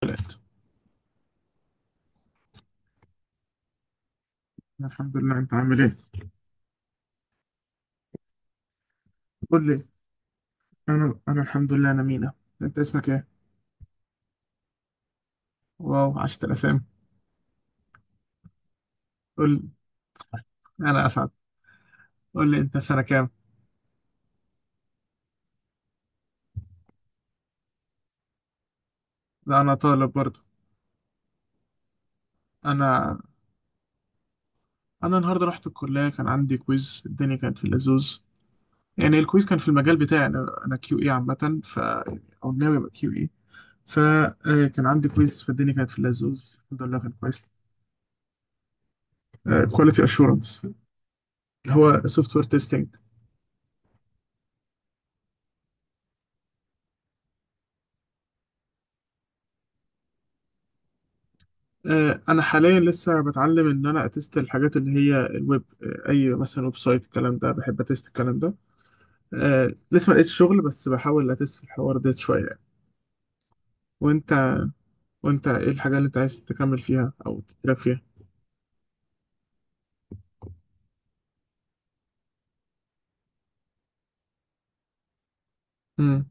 طلعت. الحمد لله، انت عامل ايه؟ قول لي. انا الحمد لله، انا مينا. انت اسمك ايه؟ واو، عشت الاسامي. قول لي، انا اسعد. قول لي، انت في سنه كام؟ ده انا طالب برضه. انا انا النهارده رحت الكليه، كان عندي كويز، الدنيا كانت في اللزوز. يعني الكويز كان في المجال بتاعي، انا كيو اي عامه، ف او ناوي ابقى كيو اي. فكان عندي كويز فالدنيا كانت في اللزوز، الحمد لله كان كويس. كواليتي اشورنس، اللي هو سوفت وير تيستنج. انا حاليا لسه بتعلم ان انا اتست الحاجات اللي هي الويب، اي مثلا ويب سايت، الكلام ده بحب اتست الكلام ده. آه، لسه ما لقيتش شغل، بس بحاول اتست في الحوار ده شويه يعني. وانت، وانت ايه الحاجه اللي انت عايز تكمل فيها او تتراك فيها؟ امم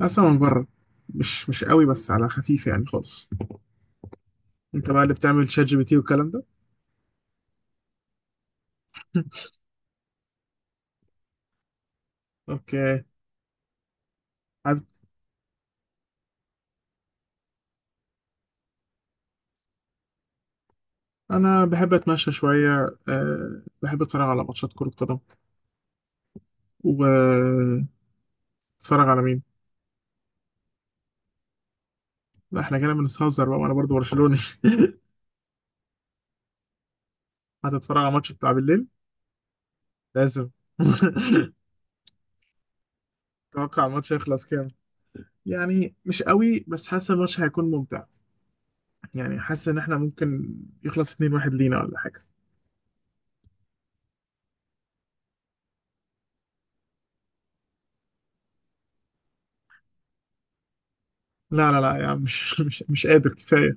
اصلا من بره، مش قوي، بس على خفيف يعني خالص. انت بقى اللي بتعمل شات جي بي تي والكلام ده؟ اوكي. عب- انا بحب اتمشى شويه، أه بحب اتفرج على ماتشات كره قدم. واتفرج على مين؟ لا احنا كده بنتهزر بقى، وانا برضو برشلوني. هتتفرج على الماتش بتاع بالليل؟ لازم. اتوقع الماتش هيخلص كام؟ يعني مش قوي، بس حاسس الماتش هيكون ممتع. يعني حاسس ان احنا ممكن يخلص 2-1 لينا ولا حاجه. لا يعني مش قادر كفايه.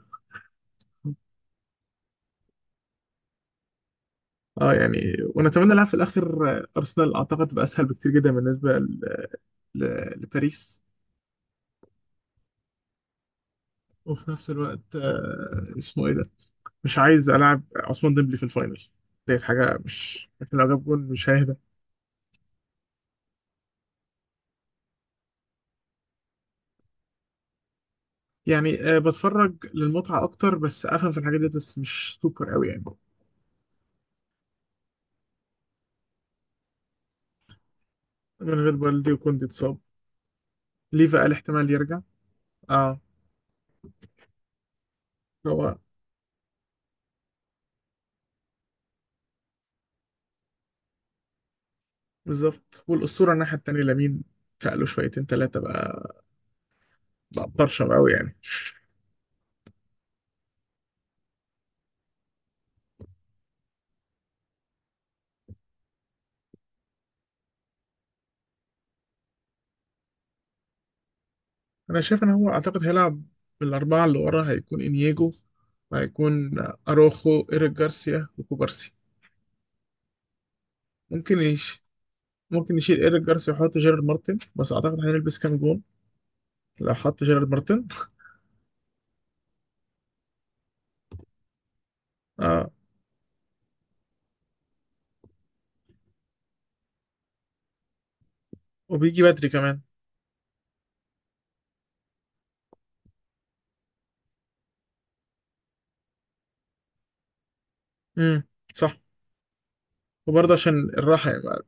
اه يعني ونتمنى نلعب في الاخر، ارسنال اعتقد تبقى اسهل بكتير جدا بالنسبه لباريس. وفي نفس الوقت اسمه ايه ده، مش عايز العب عثمان ديمبلي في الفاينل. ديت حاجه، مش احنا لو جاب جول مش هيهدى. يعني بتفرج للمتعة أكتر، بس أفهم في الحاجات دي، بس مش سوبر أوي يعني. من غير والدي، وكنت اتصاب. ليه بقى الاحتمال يرجع؟ اه. هو بالظبط، والأسطورة الناحية التانية لامين، فقله شويتين تلاتة بقى، بقى برشم أوي يعني. أنا شايف إن هو أعتقد هيلعب بالأربعة اللي ورا، هيكون إنياجو، وهيكون أروخو، إيريك جارسيا، وكوبارسي. ممكن يش... ممكن يشيل إيريك جارسيا ويحط جيرارد مارتن، بس أعتقد هنلبس كام جون لو حط جيرارد مارتن. اه، وبيجي بدري كمان. امم، صح. وبرضه عشان الراحة يا معلم.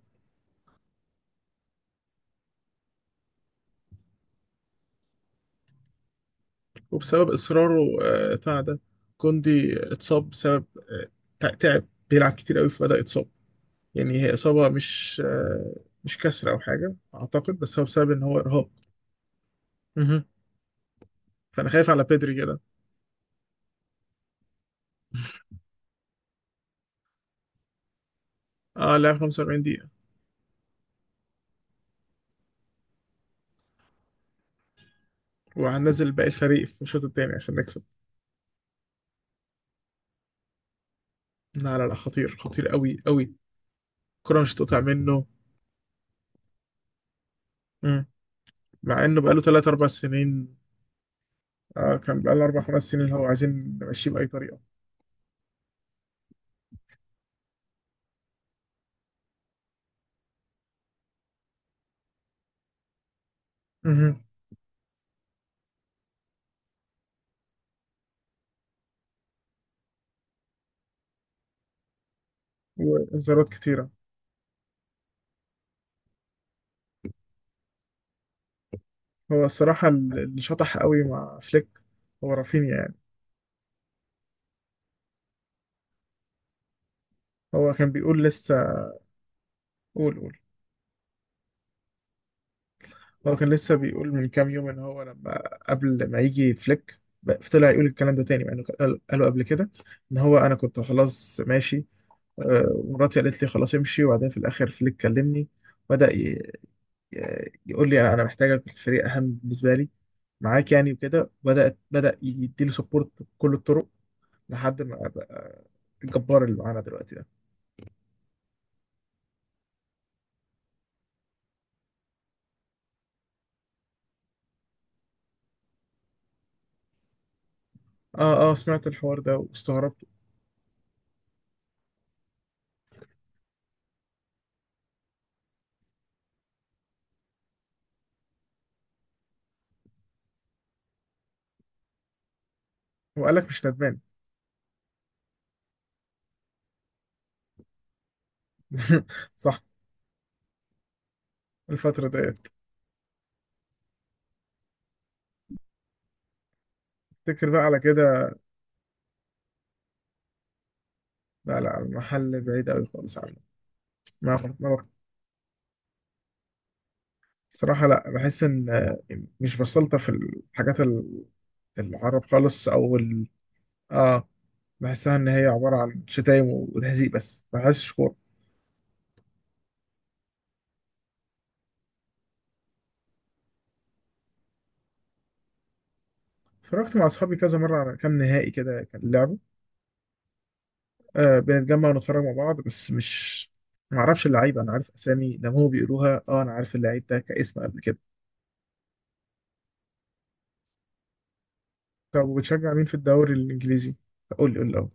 وبسبب إصراره بتاع ده، كوندي اتصاب بسبب آه، تعب، بيلعب كتير قوي فبدأ يتصاب. يعني هي إصابة مش مش كسر أو حاجة أعتقد، بس هو بسبب إن هو إرهاق. مهم. فأنا خايف على بيدري كده. اه لعب 45 دقيقة، وهنزل باقي الفريق في الشوط التاني عشان نكسب. لا، خطير، خطير قوي قوي. الكرة مش هتقطع منه. مم. مع إنه بقاله 3 4 سنين. آه كان بقاله أربع خمس سنين، هو عايزين نمشيه بأي طريقة. مهم. وإنذارات كتيرة. هو الصراحة اللي شطح قوي مع فليك هو رافينيا يعني. هو كان بيقول لسه. قول قول. هو كان لسه بيقول من كام يوم إن هو لما، قبل ما يجي فليك، طلع يقول الكلام ده تاني، مع إنه قاله قبل كده. إن هو أنا كنت خلاص ماشي، ومراتي قالت لي خلاص امشي، وبعدين في الآخر فليك كلمني، بدأ يقول لي أنا محتاجك في الفريق، أهم بالنسبة لي معاك يعني، وكده بدأت بدأ يديله سبورت بكل الطرق لحد ما بقى الجبار اللي معانا دلوقتي ده. اه اه، سمعت الحوار ده واستغربت. وقال لك مش ندمان. صح. الفترة ديت، تفتكر بقى على كده. لا لا، المحل بعيد قوي خالص عنه. ما بق- ما بق- صراحة لا، بحس ان مش بسلطة في الحاجات العرب خالص او ال... اه بحسها ان هي عبارة عن شتايم وتهزيق، بس ما بحسش كورة. اتفرجت مع اصحابي كذا مرة على كام نهائي كده كان لعبه. آه بنتجمع ونتفرج مع بعض، بس مش ما اعرفش اللعيبه، انا عارف اسامي لما هم بيقولوها، اه انا عارف اللعيب ده كاسم قبل كده. طب وبتشجع مين في الدوري الانجليزي؟ قول لي الاول.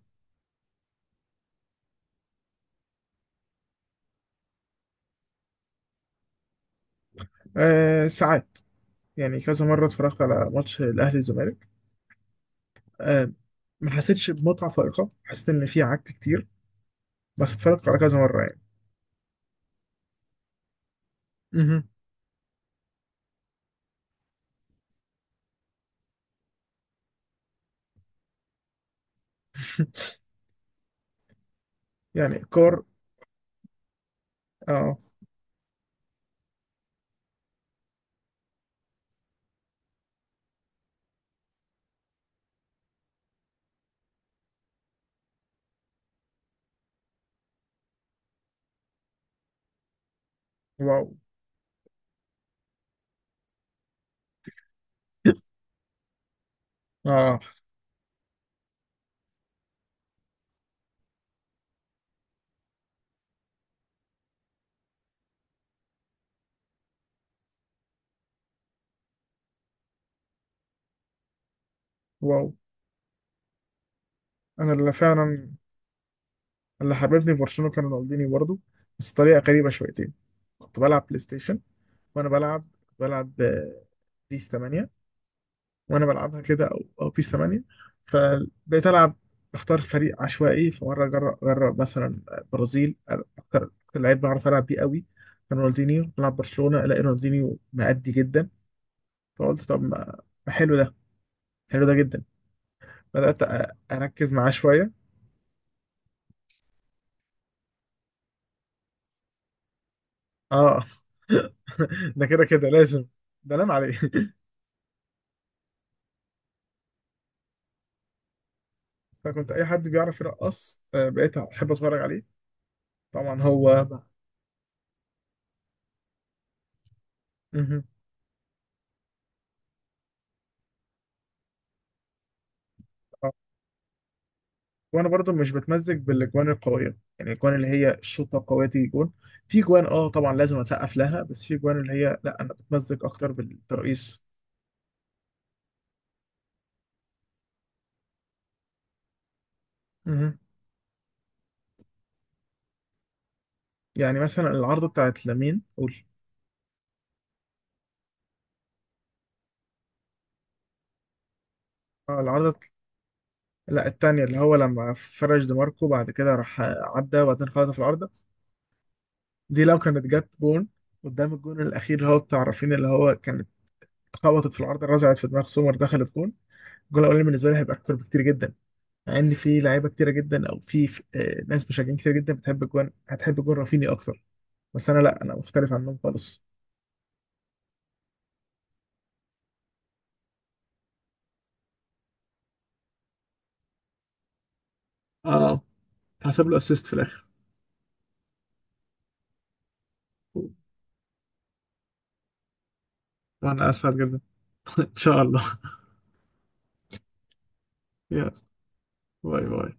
آه ساعات، يعني كذا مره اتفرجت على ماتش الاهلي والزمالك. آه ما حسيتش بمتعه فائقه، حسيت ان في عك كتير، بس اتفرجت على كذا مره يعني. مهم. يعني كور. اه. واو. اه. واو. انا اللي فعلا، اللي حببني في برشلونه كان رونالدينيو برضه، بس بطريقه غريبه شويتين. كنت بلعب بلاي ستيشن، وانا بلعب، بلعب بيس 8. وانا بلعبها كده، او بيس 8، فبقيت العب بختار فريق عشوائي، فمره اجرب مثلا برازيل، اكتر لعيب بعرف العب بيه قوي كان رونالدينيو، بلعب برشلونه الاقي رونالدينيو مأدي جدا. فقلت طب ما، ما حلو ده، حلو ده جدا. بدأت اركز معاه شويه. اه. ده كده لازم، ده نام عليه. فكنت اي حد بيعرف يرقص بقيت احب اتفرج عليه، طبعا هو. مهم. آه. وانا برضو مش بتمزج بالاجوان القويه، يعني الاجوان اللي هي الشوطه قويه تيجي جون. في جوان اه طبعا لازم اسقف لها، بس في جوان اللي هي لا، انا بتمزج اكتر بالترقيص. مهم. يعني مثلا العارضه بتاعت لامين. قول. اه العارضه، لا التانية اللي هو لما فرش دماركو بعد كده راح عدى وبعدين خبطها في العارضه. دي لو كانت جت جون قدام الجون الاخير اللي هو بتاع رافينيا اللي هو كانت خبطت في العارضه رزعت في دماغ سومر دخلت جون، الجون الاولاني بالنسبه لي هيبقى اكتر بكتير جدا. مع ان في لعيبه كتيره جدا، او في في ناس مشجعين كتير جدا بتحب جوان، هتحب جون رافيني اكتر. بس انا لا، انا مختلف عنهم خالص. اه، حسب له اسيست في الاخر. وانا اسعد جدا. ان شاء الله. يلا. باي باي.